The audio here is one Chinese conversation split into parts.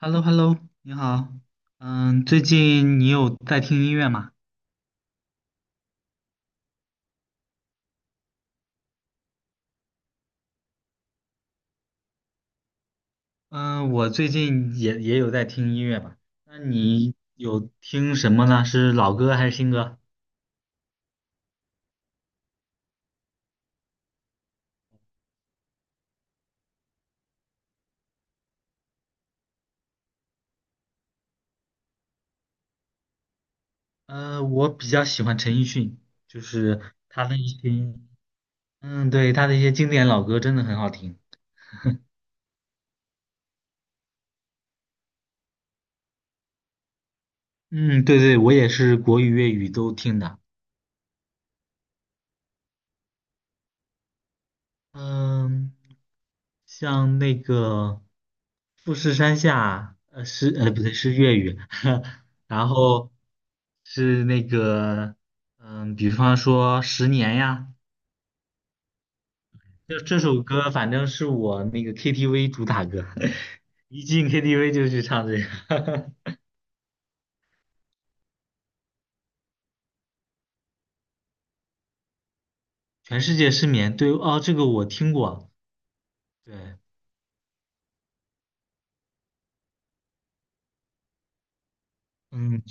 h e l l o h e l l o 你好。嗯，最近你有在听音乐吗？嗯，我最近也有在听音乐吧。那你有听什么呢？是老歌还是新歌？我比较喜欢陈奕迅，就是他的一些，嗯，对，他的一些经典老歌真的很好听。嗯，对对，我也是国语、粤语都听的。嗯，像那个富士山下，不对，是粤语，然后是那个，嗯，比方说《十年》呀，这首歌反正是我那个 KTV 主打歌，一进 KTV 就去唱这个，全世界失眠，对，哦，这个我听过，对，嗯，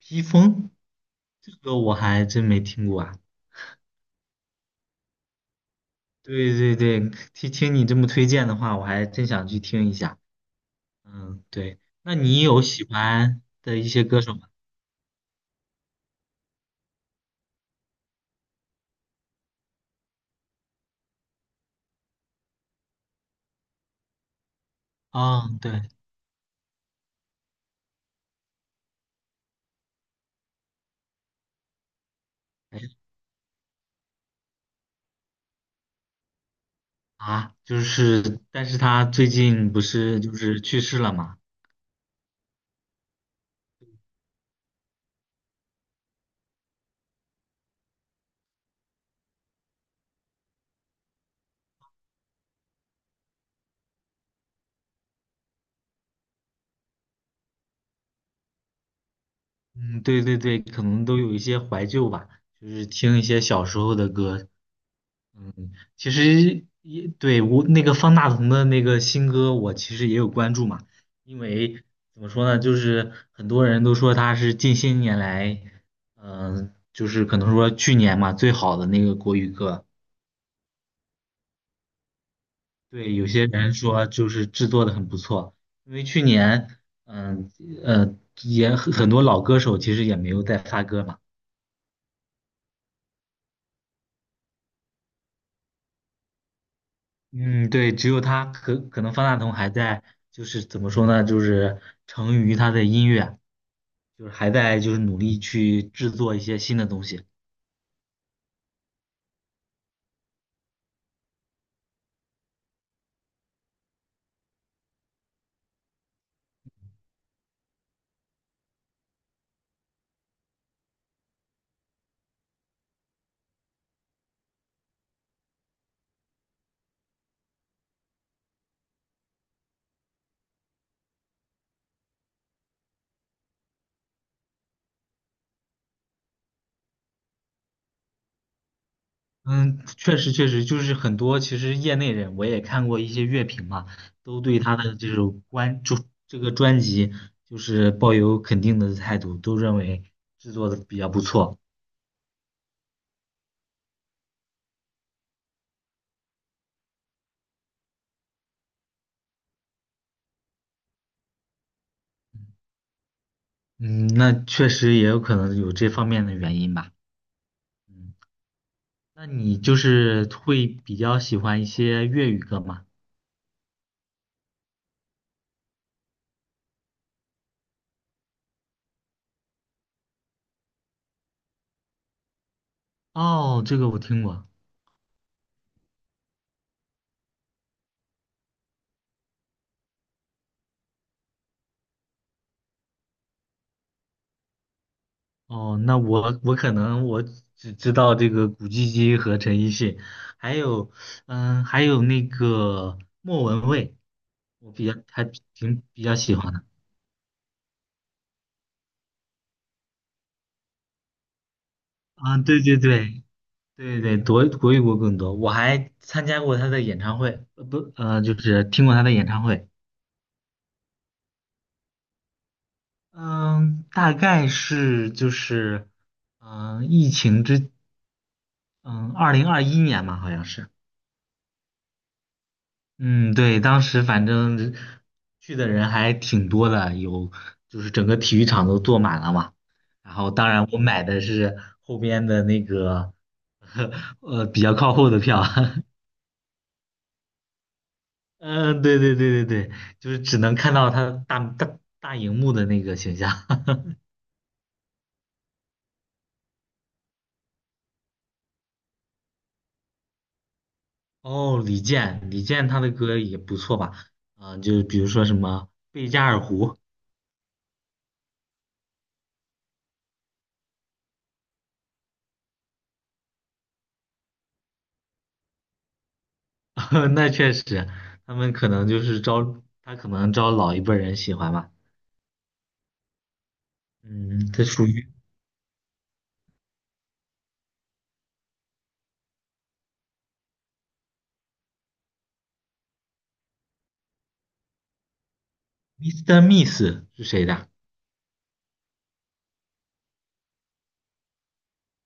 披风这个我还真没听过啊。对对对，听听你这么推荐的话，我还真想去听一下。嗯，对，那你有喜欢的一些歌手吗？啊、对，哎啊，就是，但是他最近不是就是去世了嘛？嗯，对对对，可能都有一些怀旧吧，就是听一些小时候的歌，其实也对我那个方大同的那个新歌，我其实也有关注嘛，因为怎么说呢，就是很多人都说他是近些年来，嗯、就是可能说去年嘛最好的那个国语歌，对，有些人说就是制作的很不错，因为去年，嗯呃，呃也很多老歌手其实也没有在发歌嘛。嗯，对，只有他可能方大同还在，就是怎么说呢，就是成于他的音乐，就是还在就是努力去制作一些新的东西。嗯，确实确实，就是很多其实业内人我也看过一些乐评嘛，都对他的这种关注这个专辑就是抱有肯定的态度，都认为制作的比较不错。嗯，那确实也有可能有这方面的原因吧。嗯，那你就是会比较喜欢一些粤语歌吗？哦，这个我听过。哦，那我可能只知道这个古巨基和陈奕迅，还有嗯，还有那个莫文蔚，我比较还挺比较喜欢的。啊，对对对对对，国语歌更多，我还参加过他的演唱会，不就是听过他的演唱会。嗯，大概是就是疫情之嗯，2021年嘛，好像是。嗯，对，当时反正去的人还挺多的，有就是整个体育场都坐满了嘛。然后当然我买的是后边的那个，比较靠后的票。嗯，对对对对对，就是只能看到他大荧幕的那个形象。哦，李健，李健他的歌也不错吧？啊、就比如说什么《贝加尔湖》，那确实，他们可能就是招，他可能招老一辈儿人喜欢吧。嗯，这属于 Mr. i s t e Miss 是谁的？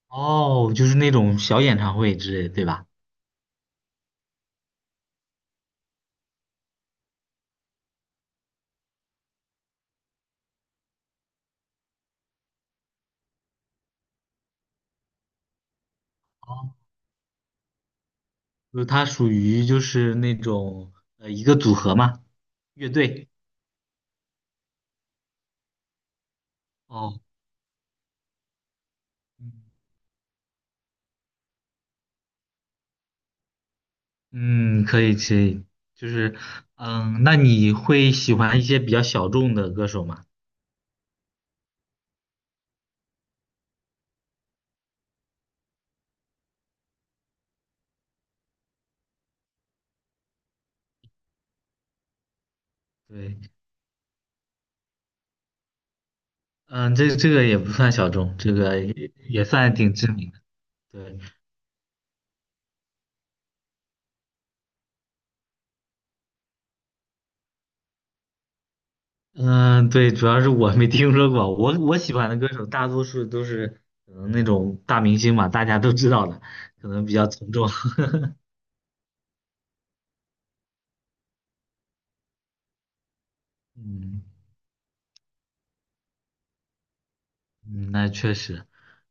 哦，就是那种小演唱会之类的，对吧？哦，就是它属于就是那种一个组合嘛，乐队。哦，嗯，可以可以，就是那你会喜欢一些比较小众的歌手吗？对，嗯，这个也不算小众，这个也算挺知名的。对，嗯，对，主要是我没听说过，我喜欢的歌手大多数都是可能那种大明星嘛，大家都知道的，可能比较从众。嗯嗯，那确实。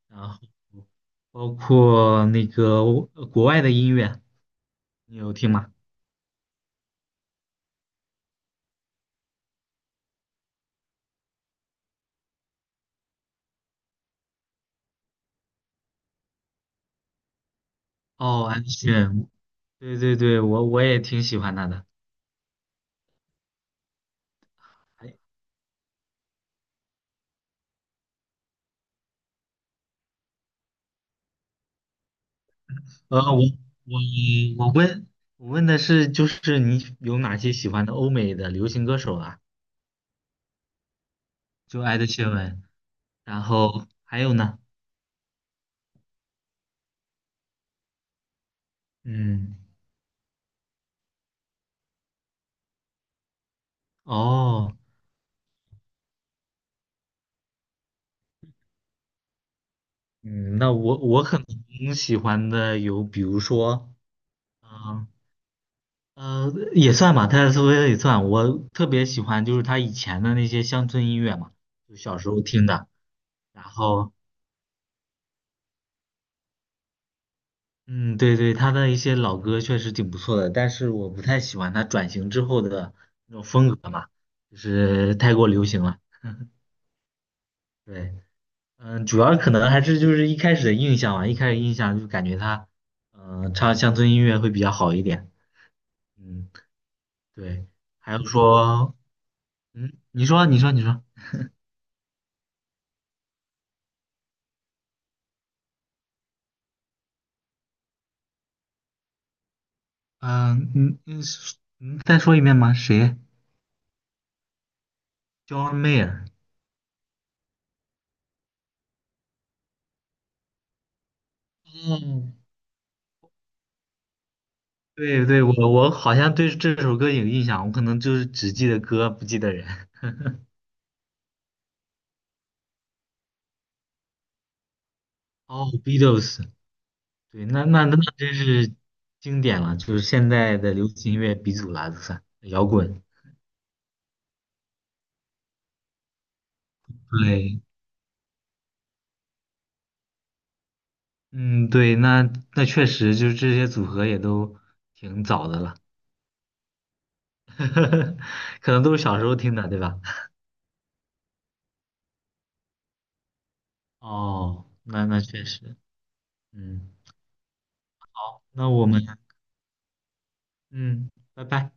然后包括那个国外的音乐，你有听吗？哦，安室。对对对，我也挺喜欢他的。呃，我我我问我问的是，就是你有哪些喜欢的欧美的流行歌手啊？就艾德谢文，然后还有呢？嗯。哦，嗯，那我可能喜欢的有，比如说，嗯，也算吧，泰勒斯威夫特也算。我特别喜欢就是他以前的那些乡村音乐嘛，就小时候听的。然后，嗯，对对，他的一些老歌确实挺不错的，但是我不太喜欢他转型之后的那种风格嘛，就是太过流行了。对，嗯，主要可能还是就是一开始的印象吧，一开始印象就感觉他，嗯、唱乡村音乐会比较好一点。嗯。对，还有说，嗯，你说，你说，你说，嗯嗯嗯是再说一遍吗？谁，John Mayer，嗯，对对，我好像对这首歌有印象，我可能就是只记得歌，不记得人。哦，Beatles，对，那真是经典了，就是现在的流行音乐鼻祖了，就算摇滚。对，嗯，对，那确实就是这些组合也都挺早的了，可能都是小时候听的，对吧？哦，那确实，嗯，那我们，嗯，拜拜。